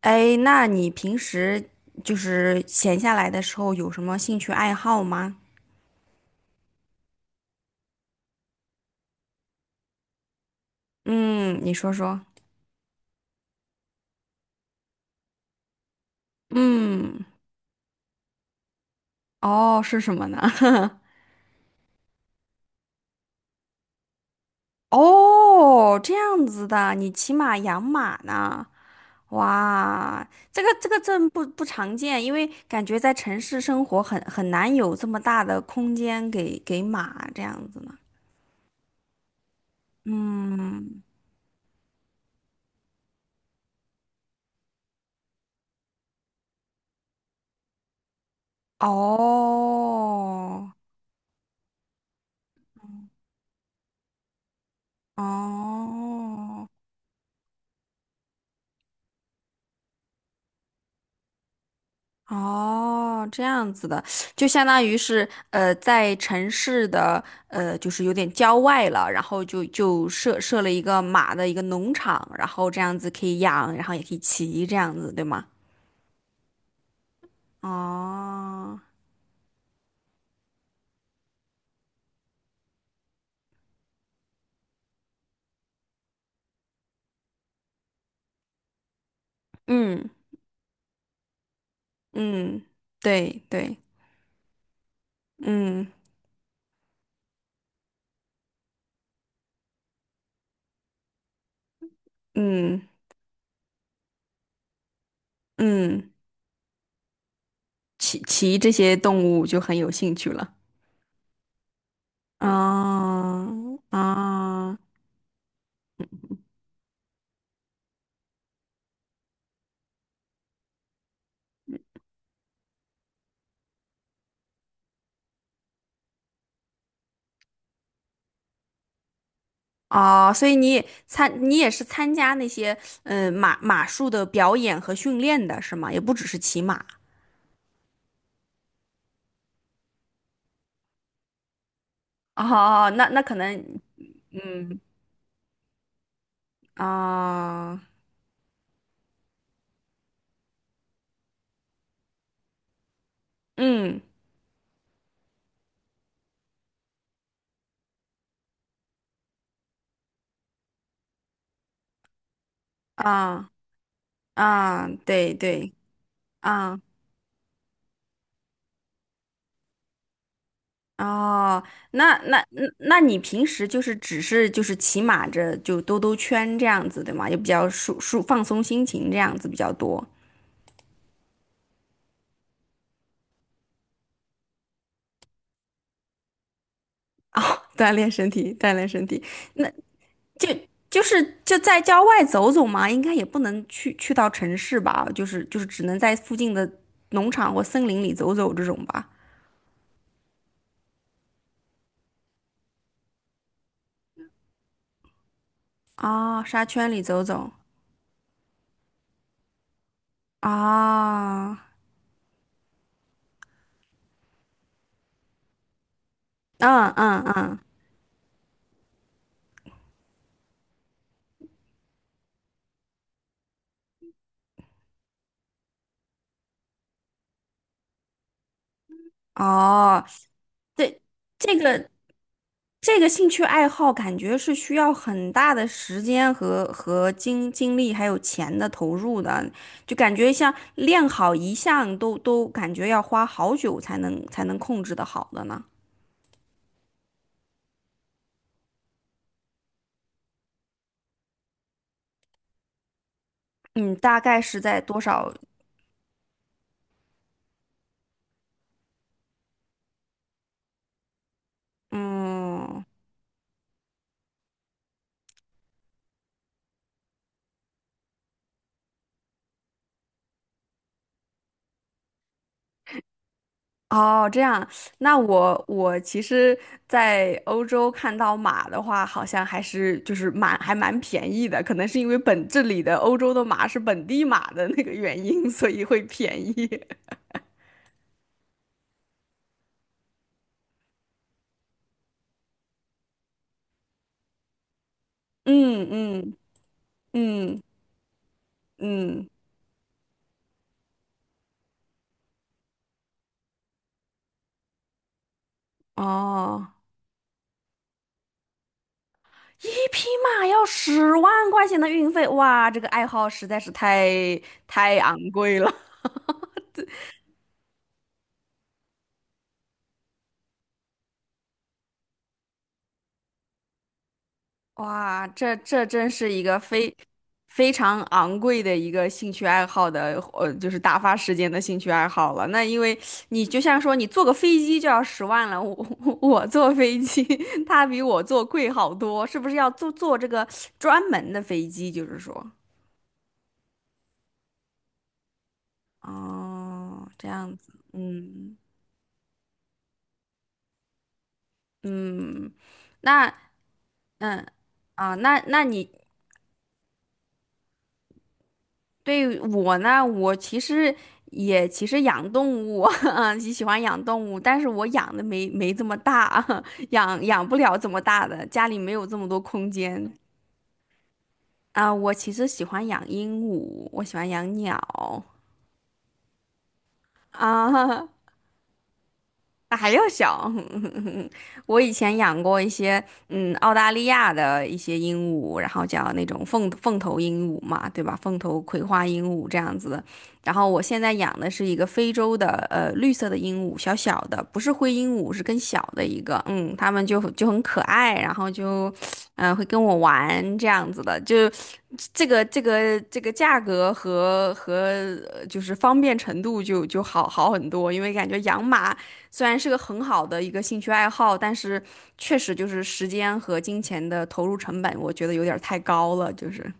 哎，那你平时就是闲下来的时候有什么兴趣爱好吗？嗯，你说说。嗯，哦，是什么呢？哦，这样子的，你骑马养马呢？哇，这个这个真不常见，因为感觉在城市生活很难有这么大的空间给马这样子呢。嗯，哦，哦。哦，这样子的，就相当于是在城市的，就是有点郊外了，然后就设了一个马的一个农场，然后这样子可以养，然后也可以骑，这样子，对吗？哦，嗯嗯，对对，嗯嗯嗯，骑这些动物就很有兴趣了。啊啊。哦哦，所以你也参，你也是参加那些，嗯，马术的表演和训练的是吗？也不只是骑马。哦，那那可能，嗯啊，嗯啊啊，对对啊哦，那你平时就是只是就是骑马着就兜兜圈这样子对吗？也比较放松心情这样子比较多。哦，锻炼身体，锻炼身体。那。就是就在郊外走走嘛，应该也不能去到城市吧，就是只能在附近的农场或森林里走走这种吧。啊、沙圈里走走啊，嗯嗯嗯，哦，对，这个这个兴趣爱好感觉是需要很大的时间和精力还有钱的投入的，就感觉像练好一项都感觉要花好久才能控制的好的呢。嗯，大概是在多少？嗯，哦，这样。那我其实，在欧洲看到马的话，好像还是就是蛮还蛮便宜的，可能是因为本这里的欧洲的马是本地马的那个原因，所以会便宜。嗯嗯嗯嗯，哦，一匹马要十万块钱的运费，哇，这个爱好实在是太昂贵了。哇，这这真是一个非常昂贵的一个兴趣爱好的，就是打发时间的兴趣爱好了。那因为你就像说你坐个飞机就要十万了，我坐飞机，他比我坐贵好多，是不是要坐这个专门的飞机？就是说，哦，这样子，嗯嗯，那嗯啊，那那你对我呢，我其实也其实养动物，嗯，喜欢养动物，但是我养的没这么大，养不了这么大的，家里没有这么多空间啊。我其实喜欢养鹦鹉，我喜欢养鸟啊，还要小，我以前养过一些，嗯，澳大利亚的一些鹦鹉，然后叫那种凤头鹦鹉嘛，对吧？凤头葵花鹦鹉这样子的。然后我现在养的是一个非洲的，呃，绿色的鹦鹉，小小的，不是灰鹦鹉，是更小的一个。嗯，它们就很可爱，然后就，嗯、会跟我玩这样子的，就这个这个这个价格和就是方便程度就好好很多，因为感觉养马虽然是个很好的一个兴趣爱好，但是确实就是时间和金钱的投入成本，我觉得有点儿太高了。就是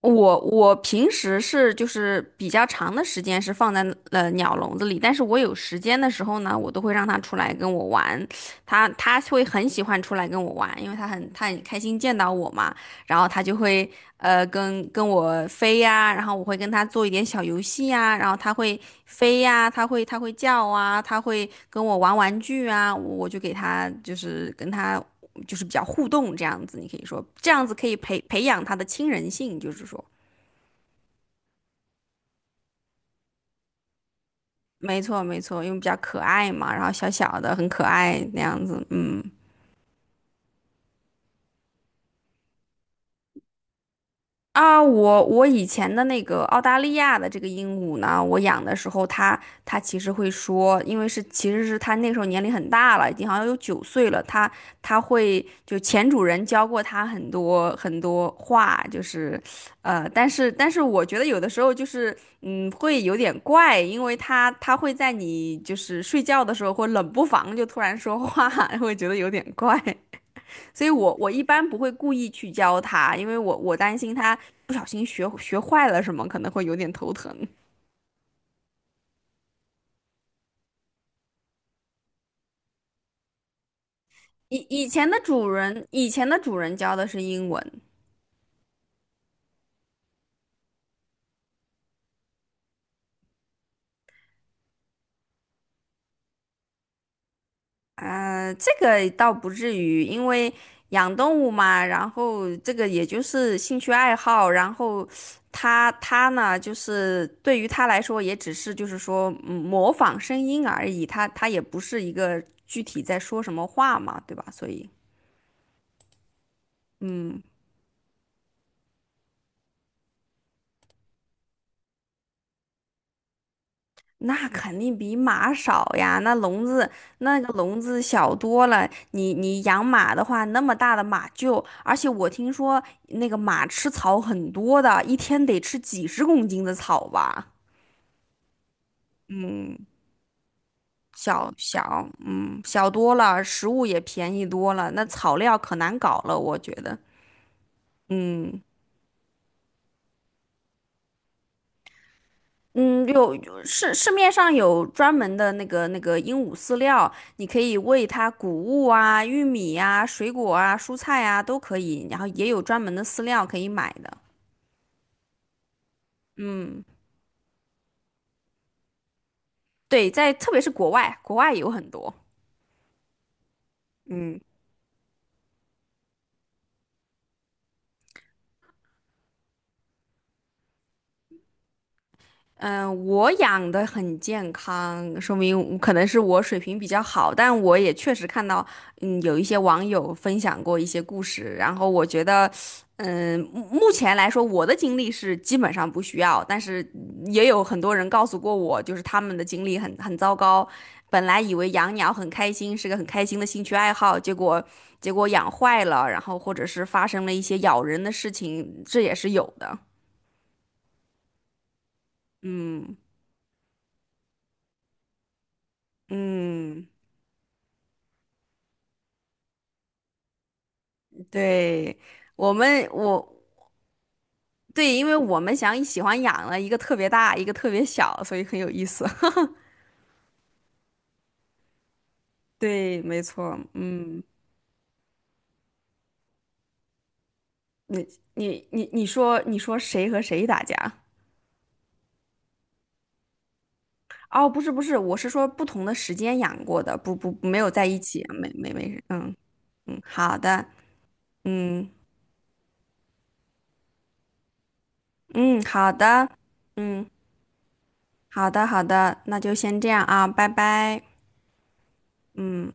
我平时是就是比较长的时间是放在了鸟笼子里，但是我有时间的时候呢，我都会让它出来跟我玩，它会很喜欢出来跟我玩，因为它很它很开心见到我嘛。然后他就会跟我飞呀，然后我会跟他做一点小游戏呀，然后他会飞呀，他会他会叫啊，他会跟我玩玩具啊，我就给他就是跟他就是比较互动这样子，你可以说这样子可以培养他的亲人性，就是说，没错没错，因为比较可爱嘛，然后小小的很可爱那样子，嗯。啊，我以前的那个澳大利亚的这个鹦鹉呢，我养的时候它，它其实会说，因为是其实是它那时候年龄很大了，已经好像有九岁了，它它会就前主人教过它很多很多话，就是，呃，但是我觉得有的时候就是，嗯，会有点怪，因为它会在你就是睡觉的时候或冷不防就突然说话，会觉得有点怪。所以我一般不会故意去教它，因为我担心它不小心学坏了什么，可能会有点头疼。以前的主人教的是英文，这个倒不至于，因为养动物嘛，然后这个也就是兴趣爱好，然后它呢，就是对于它来说，也只是就是说，嗯，模仿声音而已，它也不是一个具体在说什么话嘛，对吧？所以嗯。那肯定比马少呀，那笼子那个笼子小多了。你养马的话，那么大的马厩，而且我听说那个马吃草很多的，一天得吃几十公斤的草吧。嗯，小小嗯小多了，食物也便宜多了，那草料可难搞了，我觉得。嗯。嗯，有有市面上有专门的那个那个鹦鹉饲料，你可以喂它谷物啊、玉米啊、水果啊、蔬菜啊都可以，然后也有专门的饲料可以买的。嗯，对，在特别是国外，国外有很多。嗯。嗯，我养的很健康，说明可能是我水平比较好，但我也确实看到，嗯，有一些网友分享过一些故事，然后我觉得，嗯，目前来说，我的经历是基本上不需要，但是也有很多人告诉过我，就是他们的经历很糟糕，本来以为养鸟很开心，是个很开心的兴趣爱好，结果养坏了，然后或者是发生了一些咬人的事情，这也是有的，嗯嗯。对，我们，我，对，因为我们想喜欢养了一个特别大，一个特别小，所以很有意思。对，没错，嗯，你你你说谁和谁打架？哦，不是不是，我是说不同的时间养过的，不不没有在一起，没事，嗯嗯，好的，嗯嗯好的，嗯好的好的，那就先这样啊，拜拜，嗯。